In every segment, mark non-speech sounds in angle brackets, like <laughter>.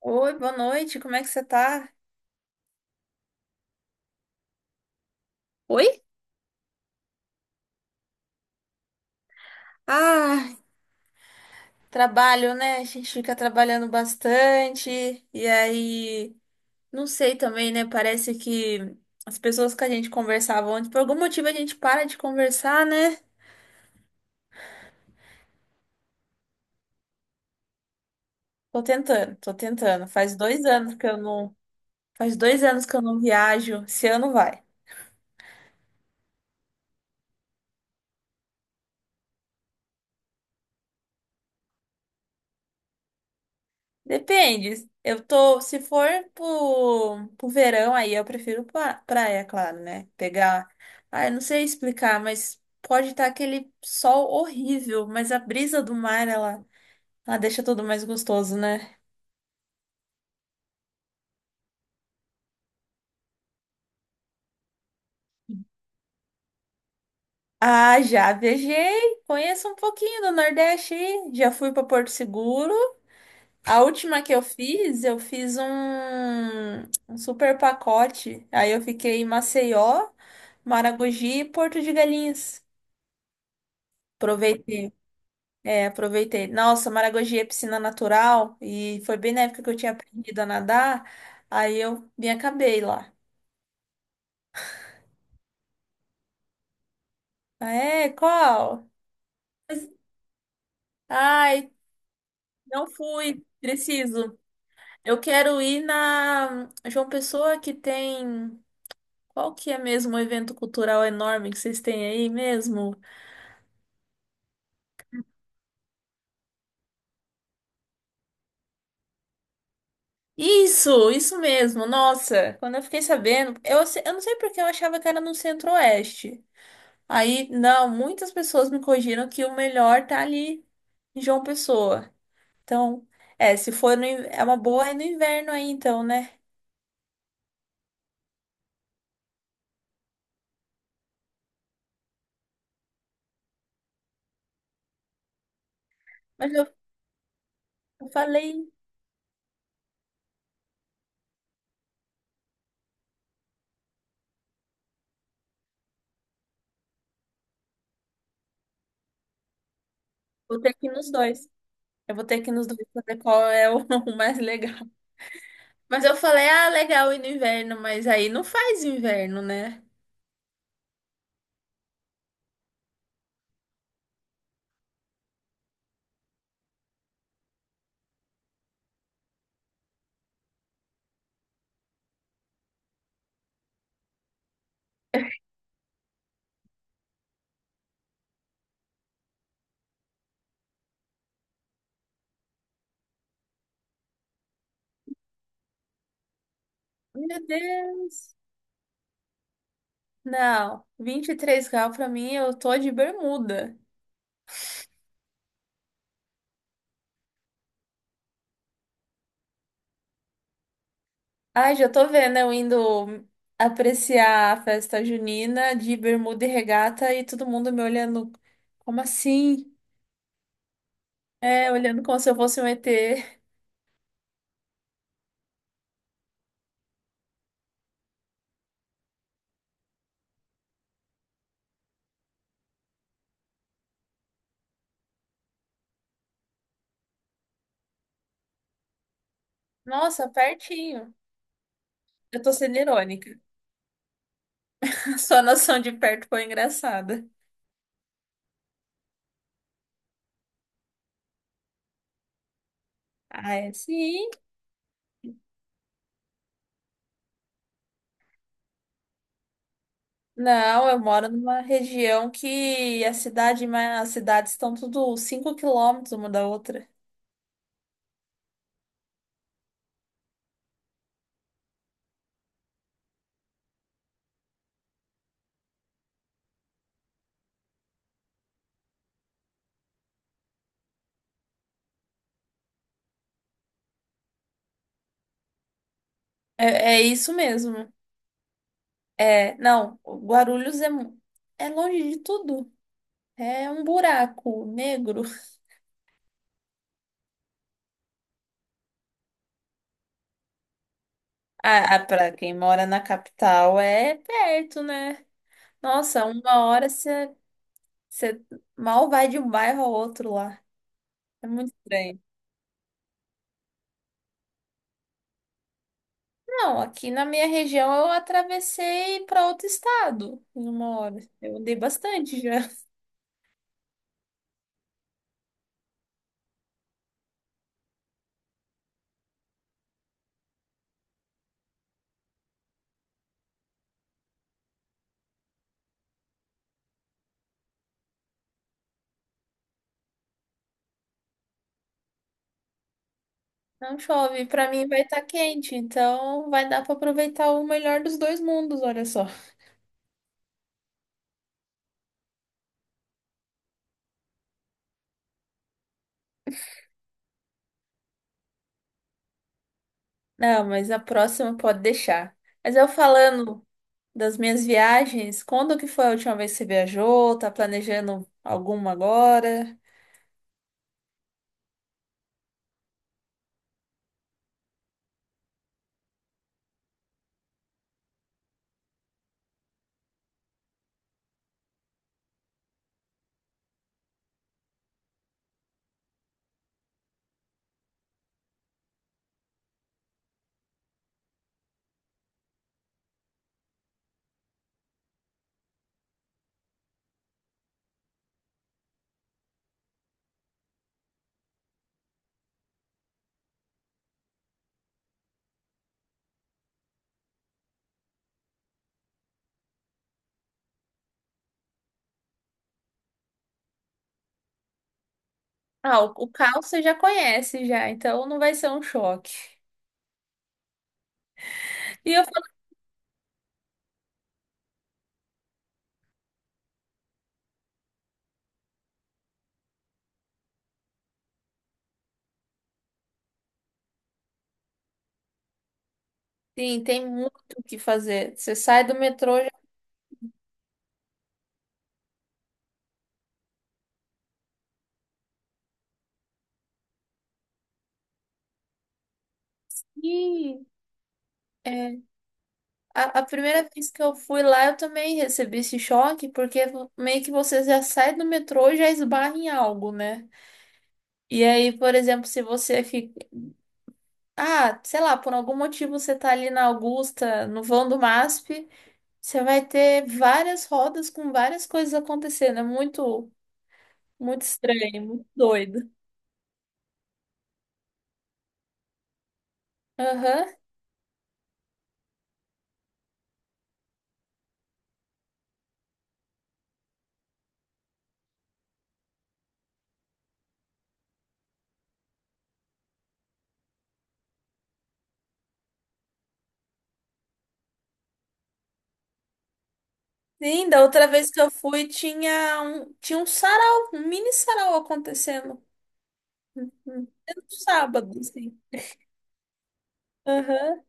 Oi, boa noite, como é que você tá? Oi? Ah, trabalho, né? A gente fica trabalhando bastante, e aí, não sei também, né? Parece que as pessoas que a gente conversava antes, por algum motivo a gente para de conversar, né? Tô tentando, tô tentando. Faz 2 anos que eu não, faz 2 anos que eu não viajo. Esse ano vai. Depende. Eu tô, se for pro verão, aí eu prefiro praia, claro, né? Pegar. Ah, eu não sei explicar, mas pode estar aquele sol horrível, mas a brisa do mar, ela deixa tudo mais gostoso, né? Ah, já viajei. Conheço um pouquinho do Nordeste, aí. Já fui para Porto Seguro. A última que eu fiz um super pacote. Aí eu fiquei em Maceió, Maragogi e Porto de Galinhas. Aproveitei. É, aproveitei. Nossa, Maragogi é piscina natural e foi bem na época que eu tinha aprendido a nadar, aí eu me acabei lá. Ah, é? Qual? Mas- Ai, não fui, preciso. Eu quero ir na João Pessoa que tem. Qual que é mesmo o evento cultural enorme que vocês têm aí mesmo? Isso mesmo. Nossa, quando eu fiquei sabendo, eu não sei porque eu achava que era no Centro-Oeste. Aí, não, muitas pessoas me corrigiram que o melhor tá ali em João Pessoa. Então, é, se for no, in- é uma boa é no inverno aí, então, né? Mas eu falei, vou ter que ir nos dois. Eu vou ter que ir nos dois pra ver qual é o, <laughs> o mais legal. Mas eu falei, ah, legal ir no inverno, mas aí não faz inverno, né? Meu Deus! Não, 23 graus pra mim, eu tô de bermuda. Ai, já tô vendo eu indo apreciar a festa junina de bermuda e regata e todo mundo me olhando. Como assim? É, olhando como se eu fosse um ET. Nossa, pertinho. Eu tô sendo irônica. <laughs> Sua noção de perto foi engraçada. Ah, é sim. Não, eu moro numa região que a cidade, mas as cidades estão tudo 5 quilômetros uma da outra. É, é isso mesmo. É, não, Guarulhos é longe de tudo. É um buraco negro. Ah, para quem mora na capital é perto, né? Nossa, uma hora você mal vai de um bairro ao outro lá. É muito estranho. Não, aqui na minha região eu atravessei para outro estado em uma hora. Eu andei bastante já. <laughs> Não chove, para mim vai estar quente, então vai dar para aproveitar o melhor dos dois mundos, olha só. Não, mas a próxima pode deixar. Mas eu falando das minhas viagens, quando que foi a última vez que você viajou? Tá planejando alguma agora? Ah, o caos você já conhece já, então não vai ser um choque. E eu falo assim, tem muito o que fazer. Você sai do metrô já. Ih, é. A primeira vez que eu fui lá, eu também recebi esse choque, porque meio que você já sai do metrô e já esbarra em algo, né? E aí, por exemplo, se você fica. Ah, sei lá, por algum motivo você tá ali na Augusta, no vão do MASP. Você vai ter várias rodas com várias coisas acontecendo. É muito, muito estranho, muito doido. Aham. Sim, da outra vez que eu fui, tinha um sarau, um mini sarau acontecendo. Um sábado, assim. Aham.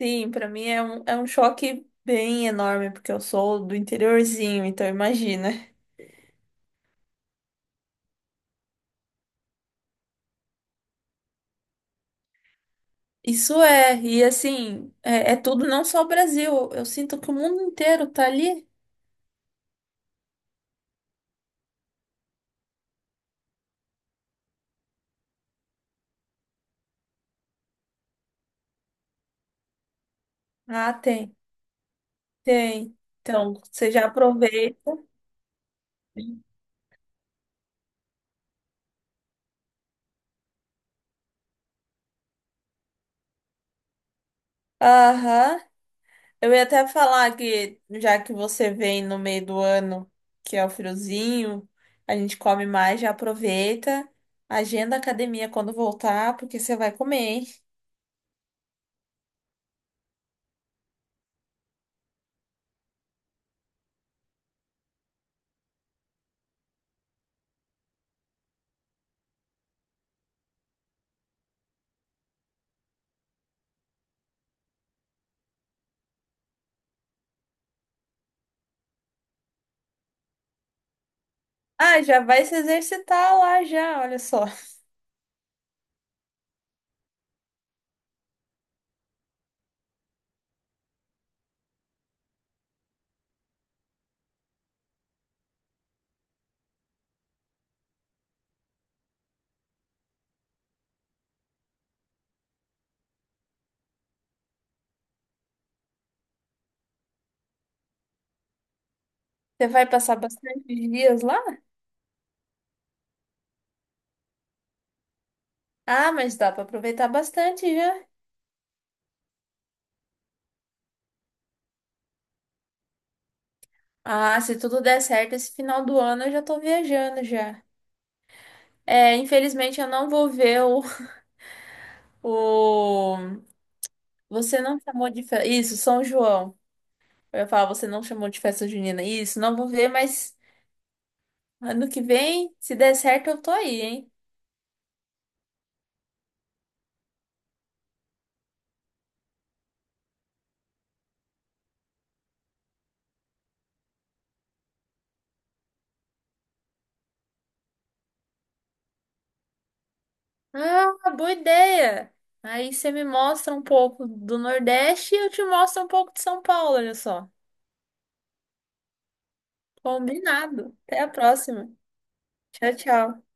Sim, pra mim é um choque bem enorme, porque eu sou do interiorzinho, então imagina. Isso é, e assim, é tudo não só o Brasil. Eu sinto que o mundo inteiro tá ali. Ah, tem. Tem. Então, você já aproveita. Aham. Eu ia até falar que, já que você vem no meio do ano, que é o friozinho, a gente come mais, já aproveita. Agenda a academia quando voltar, porque você vai comer, hein? Ah, já vai se exercitar lá já, olha só. Você vai passar bastante dias lá? Ah, mas dá pra aproveitar bastante já. Ah, se tudo der certo, esse final do ano eu já tô viajando já. É, infelizmente eu não vou ver o, <laughs> o Você não chamou de festa. Isso, São João. Eu ia falar, você não chamou de festa junina. Isso, não vou ver, mas ano que vem, se der certo, eu tô aí, hein? Ah, boa ideia! Aí você me mostra um pouco do Nordeste e eu te mostro um pouco de São Paulo, olha só. Combinado. Até a próxima. Tchau, tchau.